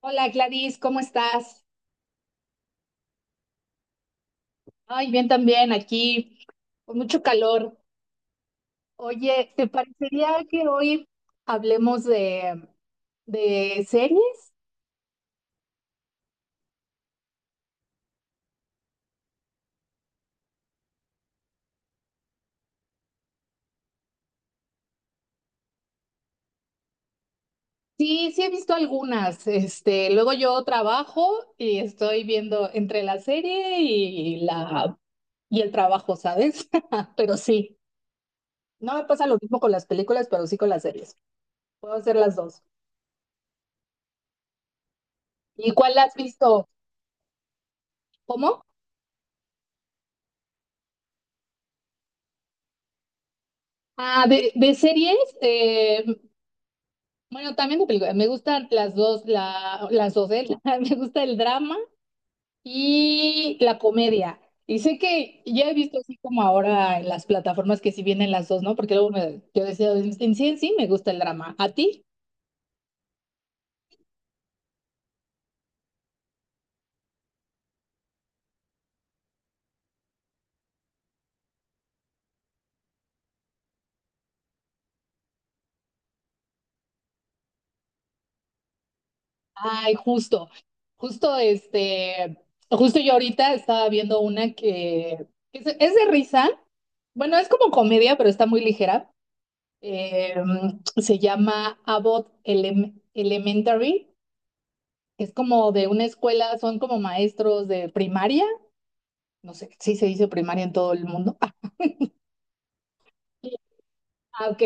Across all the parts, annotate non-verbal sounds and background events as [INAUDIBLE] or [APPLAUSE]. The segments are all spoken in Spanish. Hola Gladys, ¿cómo estás? Ay, bien también aquí, con mucho calor. Oye, ¿te parecería que hoy hablemos de series? Sí, sí he visto algunas. Este, luego yo trabajo y estoy viendo entre la serie y la y el trabajo, ¿sabes? [LAUGHS] Pero sí, no me pasa lo mismo con las películas, pero sí con las series. Puedo hacer las dos. ¿Y cuál has visto? ¿Cómo? Ah, de series, eh, bueno, también de películas. Me gustan las dos, las dos, ¿eh? [LAUGHS] Me gusta el drama y la comedia. Y sé que ya he visto así como ahora en las plataformas que sí vienen las dos, ¿no? Porque luego yo decía, en sí me gusta el drama. ¿A ti? Ay, justo este, justo yo ahorita estaba viendo una que es de risa. Bueno, es como comedia, pero está muy ligera. Eh, Se llama Elementary. Es como de una escuela, son como maestros de primaria, no sé si se dice primaria en todo el mundo. [LAUGHS] Ah, ok.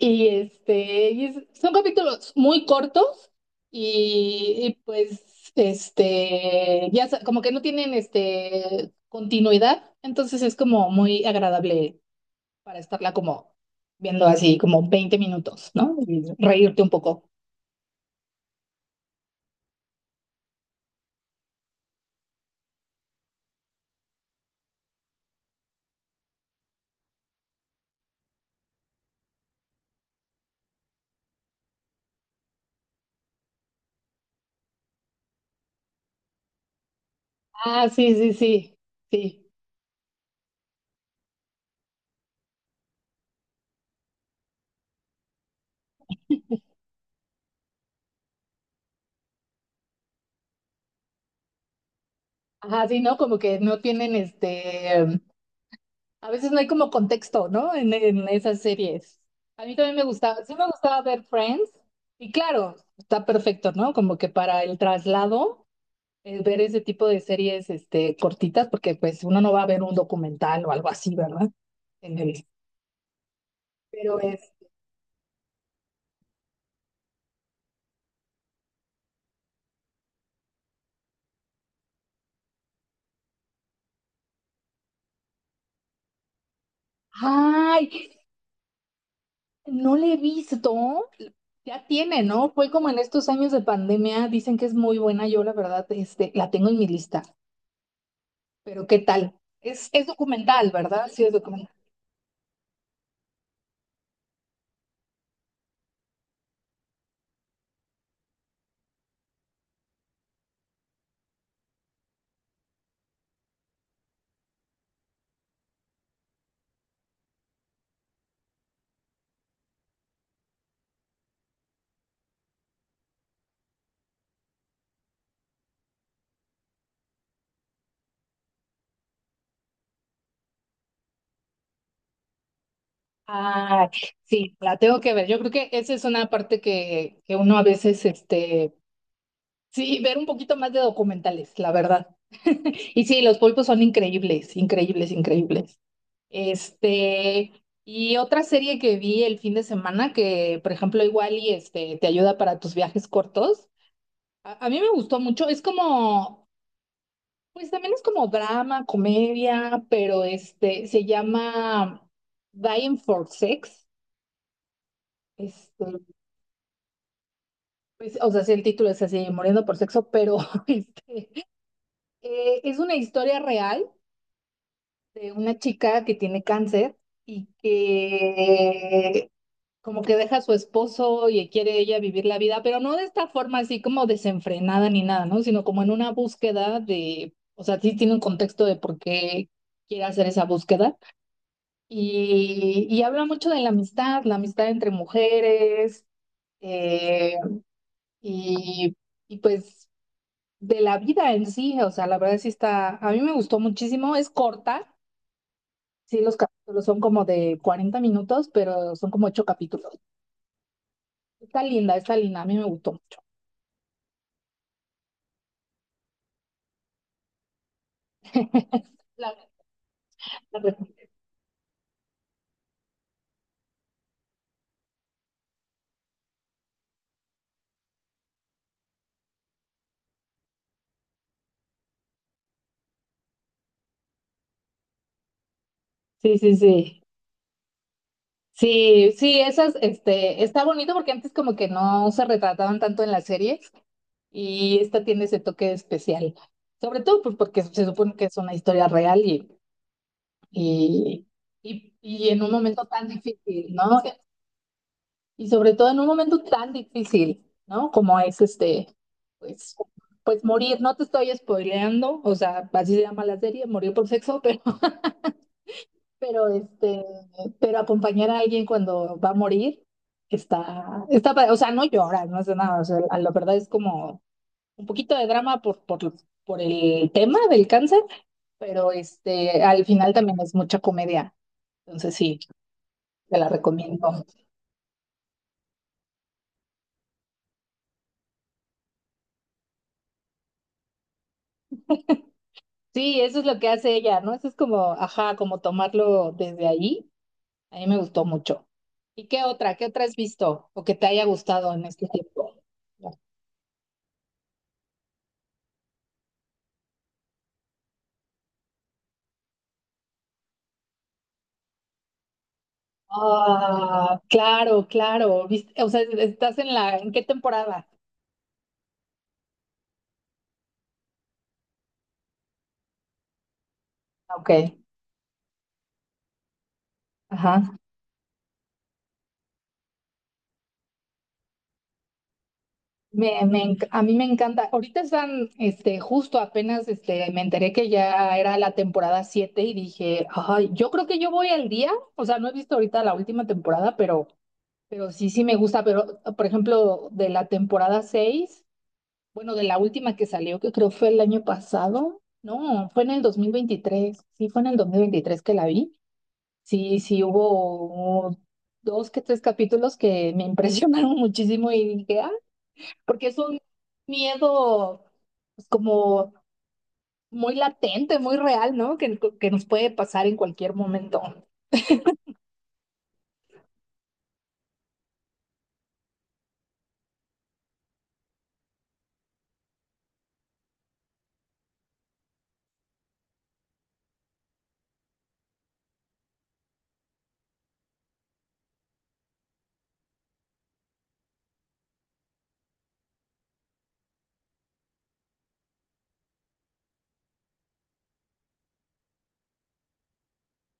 Son capítulos muy cortos como que no tienen este continuidad, entonces es como muy agradable para estarla como viendo así como 20 minutos, ¿no? Y reírte un poco. Ah, sí, sí, sí, sí. Ajá, sí, ¿no? Como que no tienen este, A veces no hay como contexto, ¿no? En esas series. A mí también me gustaba, sí me gustaba ver Friends y claro, está perfecto, ¿no? Como que para el traslado, ver ese tipo de series, este, cortitas, porque pues uno no va a ver un documental o algo así, ¿verdad? En el- pero es, Ay, no le he visto. Ya tiene, ¿no? Fue como en estos años de pandemia, dicen que es muy buena, yo la verdad, este, la tengo en mi lista, pero ¿qué tal? Es documental, ¿verdad? Sí, es documental. Ah, sí, la tengo que ver. Yo creo que esa es una parte que uno a veces, este, sí, ver un poquito más de documentales, la verdad. [LAUGHS] Y sí, los pulpos son increíbles, increíbles, increíbles. Este, y otra serie que vi el fin de semana que, por ejemplo, igual y este, te ayuda para tus viajes cortos. A mí me gustó mucho. Pues también es como drama, comedia, pero este, se llama Dying for Sex. Este, pues, o sea, sí, el título es así, Muriendo por Sexo, pero [LAUGHS] este, es una historia real de una chica que tiene cáncer y que como que deja a su esposo y quiere ella vivir la vida, pero no de esta forma así como desenfrenada ni nada, ¿no? Sino como en una búsqueda de, o sea, sí tiene un contexto de por qué quiere hacer esa búsqueda. Y habla mucho de la amistad entre mujeres, eh, y, y pues de la vida en sí, o sea, la verdad sí está, a mí me gustó muchísimo, es corta, sí, los capítulos son como de 40 minutos, pero son como ocho capítulos. Está linda, a mí me gustó mucho. [LAUGHS] La- la- Sí, sí, sí. Sí, sí, esas, este, está bonito porque antes como que no se retrataban tanto en las series y esta tiene ese toque especial. Sobre todo pues porque se supone que es una historia real y, y en un momento tan difícil, ¿no? Y sobre todo en un momento tan difícil, ¿no? Como es este, pues, pues morir. No te estoy spoileando, o sea, así se llama la serie, morir por sexo, pero, [LAUGHS] pero este, pero acompañar a alguien cuando va a morir está, o sea, no lloras, no hace nada. O sea, la verdad es como un poquito de drama por el tema del cáncer, pero este, al final también es mucha comedia. Entonces sí, te la recomiendo. Sí, eso es lo que hace ella, ¿no? Eso es como, ajá, como tomarlo desde ahí. A mí me gustó mucho. ¿Y qué otra? ¿Qué otra has visto o que te haya gustado en este tiempo? Ah, claro, claro. O sea, estás en la, ¿en qué temporada? Ah, ok, ajá. A mí me encanta. Ahorita están, este, justo apenas, este, me enteré que ya era la temporada 7 y dije, ay, yo creo que yo voy al día. O sea, no he visto ahorita la última temporada, pero sí, sí me gusta, pero por ejemplo, de la temporada 6 bueno, de la última que salió, que creo fue el año pasado, no, fue en el 2023 sí, fue en el 2023 que la vi, sí, sí, hubo dos que tres capítulos que me impresionaron [LAUGHS] muchísimo y dije, ah, porque es un miedo pues, como muy latente, muy real, ¿no? Que nos puede pasar en cualquier momento.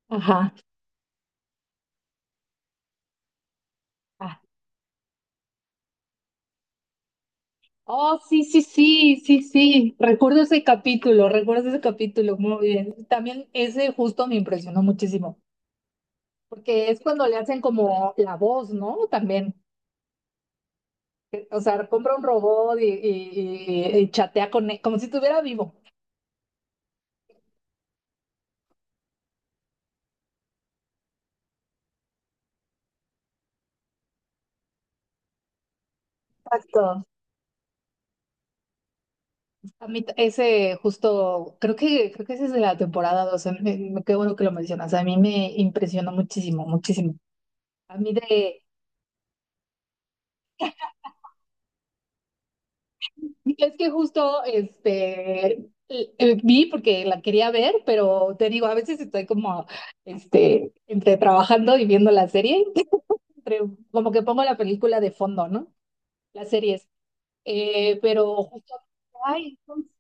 Ajá. Oh, sí, sí, sí, sí, sí. Recuerdo ese capítulo, muy bien. También ese justo me impresionó muchísimo, porque es cuando le hacen como la voz, ¿no? También, o sea, compra un robot y chatea con él, como si estuviera vivo. Exacto. Ese justo, creo que ese es de la temporada dos qué bueno que lo mencionas, a mí me impresionó muchísimo, muchísimo. A mí de, Y es que justo este vi porque la quería ver, pero te digo, a veces estoy como este entre trabajando y viendo la serie, [LAUGHS] entre- como que pongo la película de fondo, ¿no? Las series. Eh, pero justo, ay, entonces,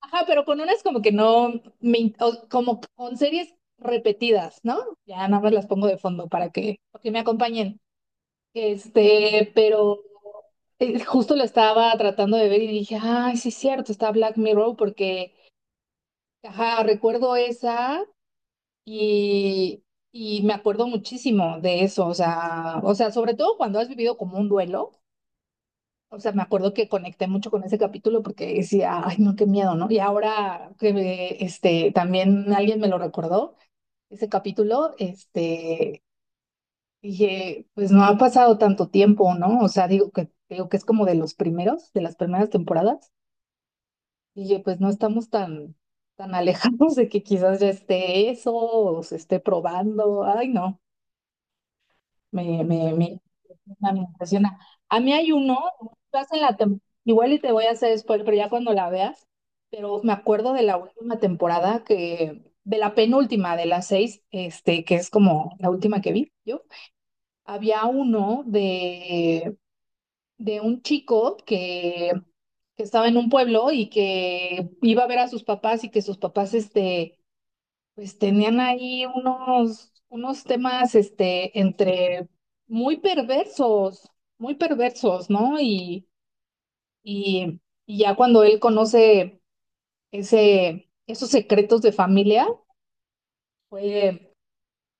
ajá, pero con unas como que no me in- o como con series repetidas, ¿no? Ya nada más las pongo de fondo para que me acompañen. Este, pero Justo lo estaba tratando de ver y dije, ay, sí es cierto, está Black Mirror porque, ajá, recuerdo esa y, y me acuerdo muchísimo de eso, o sea, sobre todo cuando has vivido como un duelo, o sea, me acuerdo que conecté mucho con ese capítulo porque decía, ay, no, qué miedo, ¿no? Y ahora que este, también alguien me lo recordó, ese capítulo, este... Dije, pues no ha pasado tanto tiempo, ¿no? O sea, digo que es como de los primeros, de las primeras temporadas. Y dije, pues no estamos tan [LAUGHS] alejados de que quizás ya esté eso o se esté probando. Ay, no, me impresiona, me impresiona. A mí hay uno, estás en la tem- igual y te voy a hacer spoiler, pero ya cuando la veas, pero me acuerdo de la última temporada que, de la penúltima de las seis, este, que es como la última que vi yo. Había uno de un chico que estaba en un pueblo y que iba a ver a sus papás y que sus papás, este, pues tenían ahí unos temas, este, entre muy perversos, muy perversos, ¿no? Y, y ya cuando él conoce esos secretos de familia, fue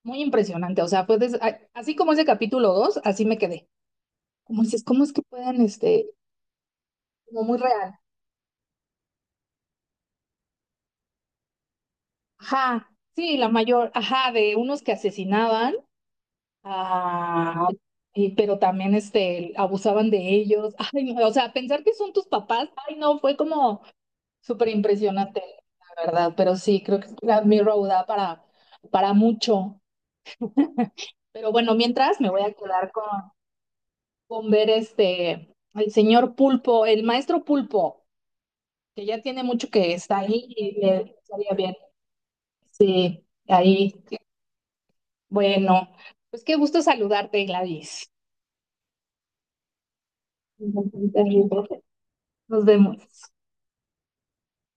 muy impresionante. O sea, así como ese capítulo 2 así me quedé. Como dices, ¿cómo es que pueden, este, como muy real? Ajá, sí, la mayor, ajá, de unos que asesinaban, ah, y, pero también este, abusaban de ellos. [LAUGHS] Ay, no, o sea, pensar que son tus papás, ay, no, fue como súper impresionante, la verdad, pero sí, creo que es mi road da para mucho. Pero bueno, mientras me voy a quedar con ver este, el señor Pulpo, el maestro Pulpo, que ya tiene mucho que está ahí y le estaría bien. Sí, ahí. Bueno, pues qué gusto saludarte, Gladys. Nos vemos.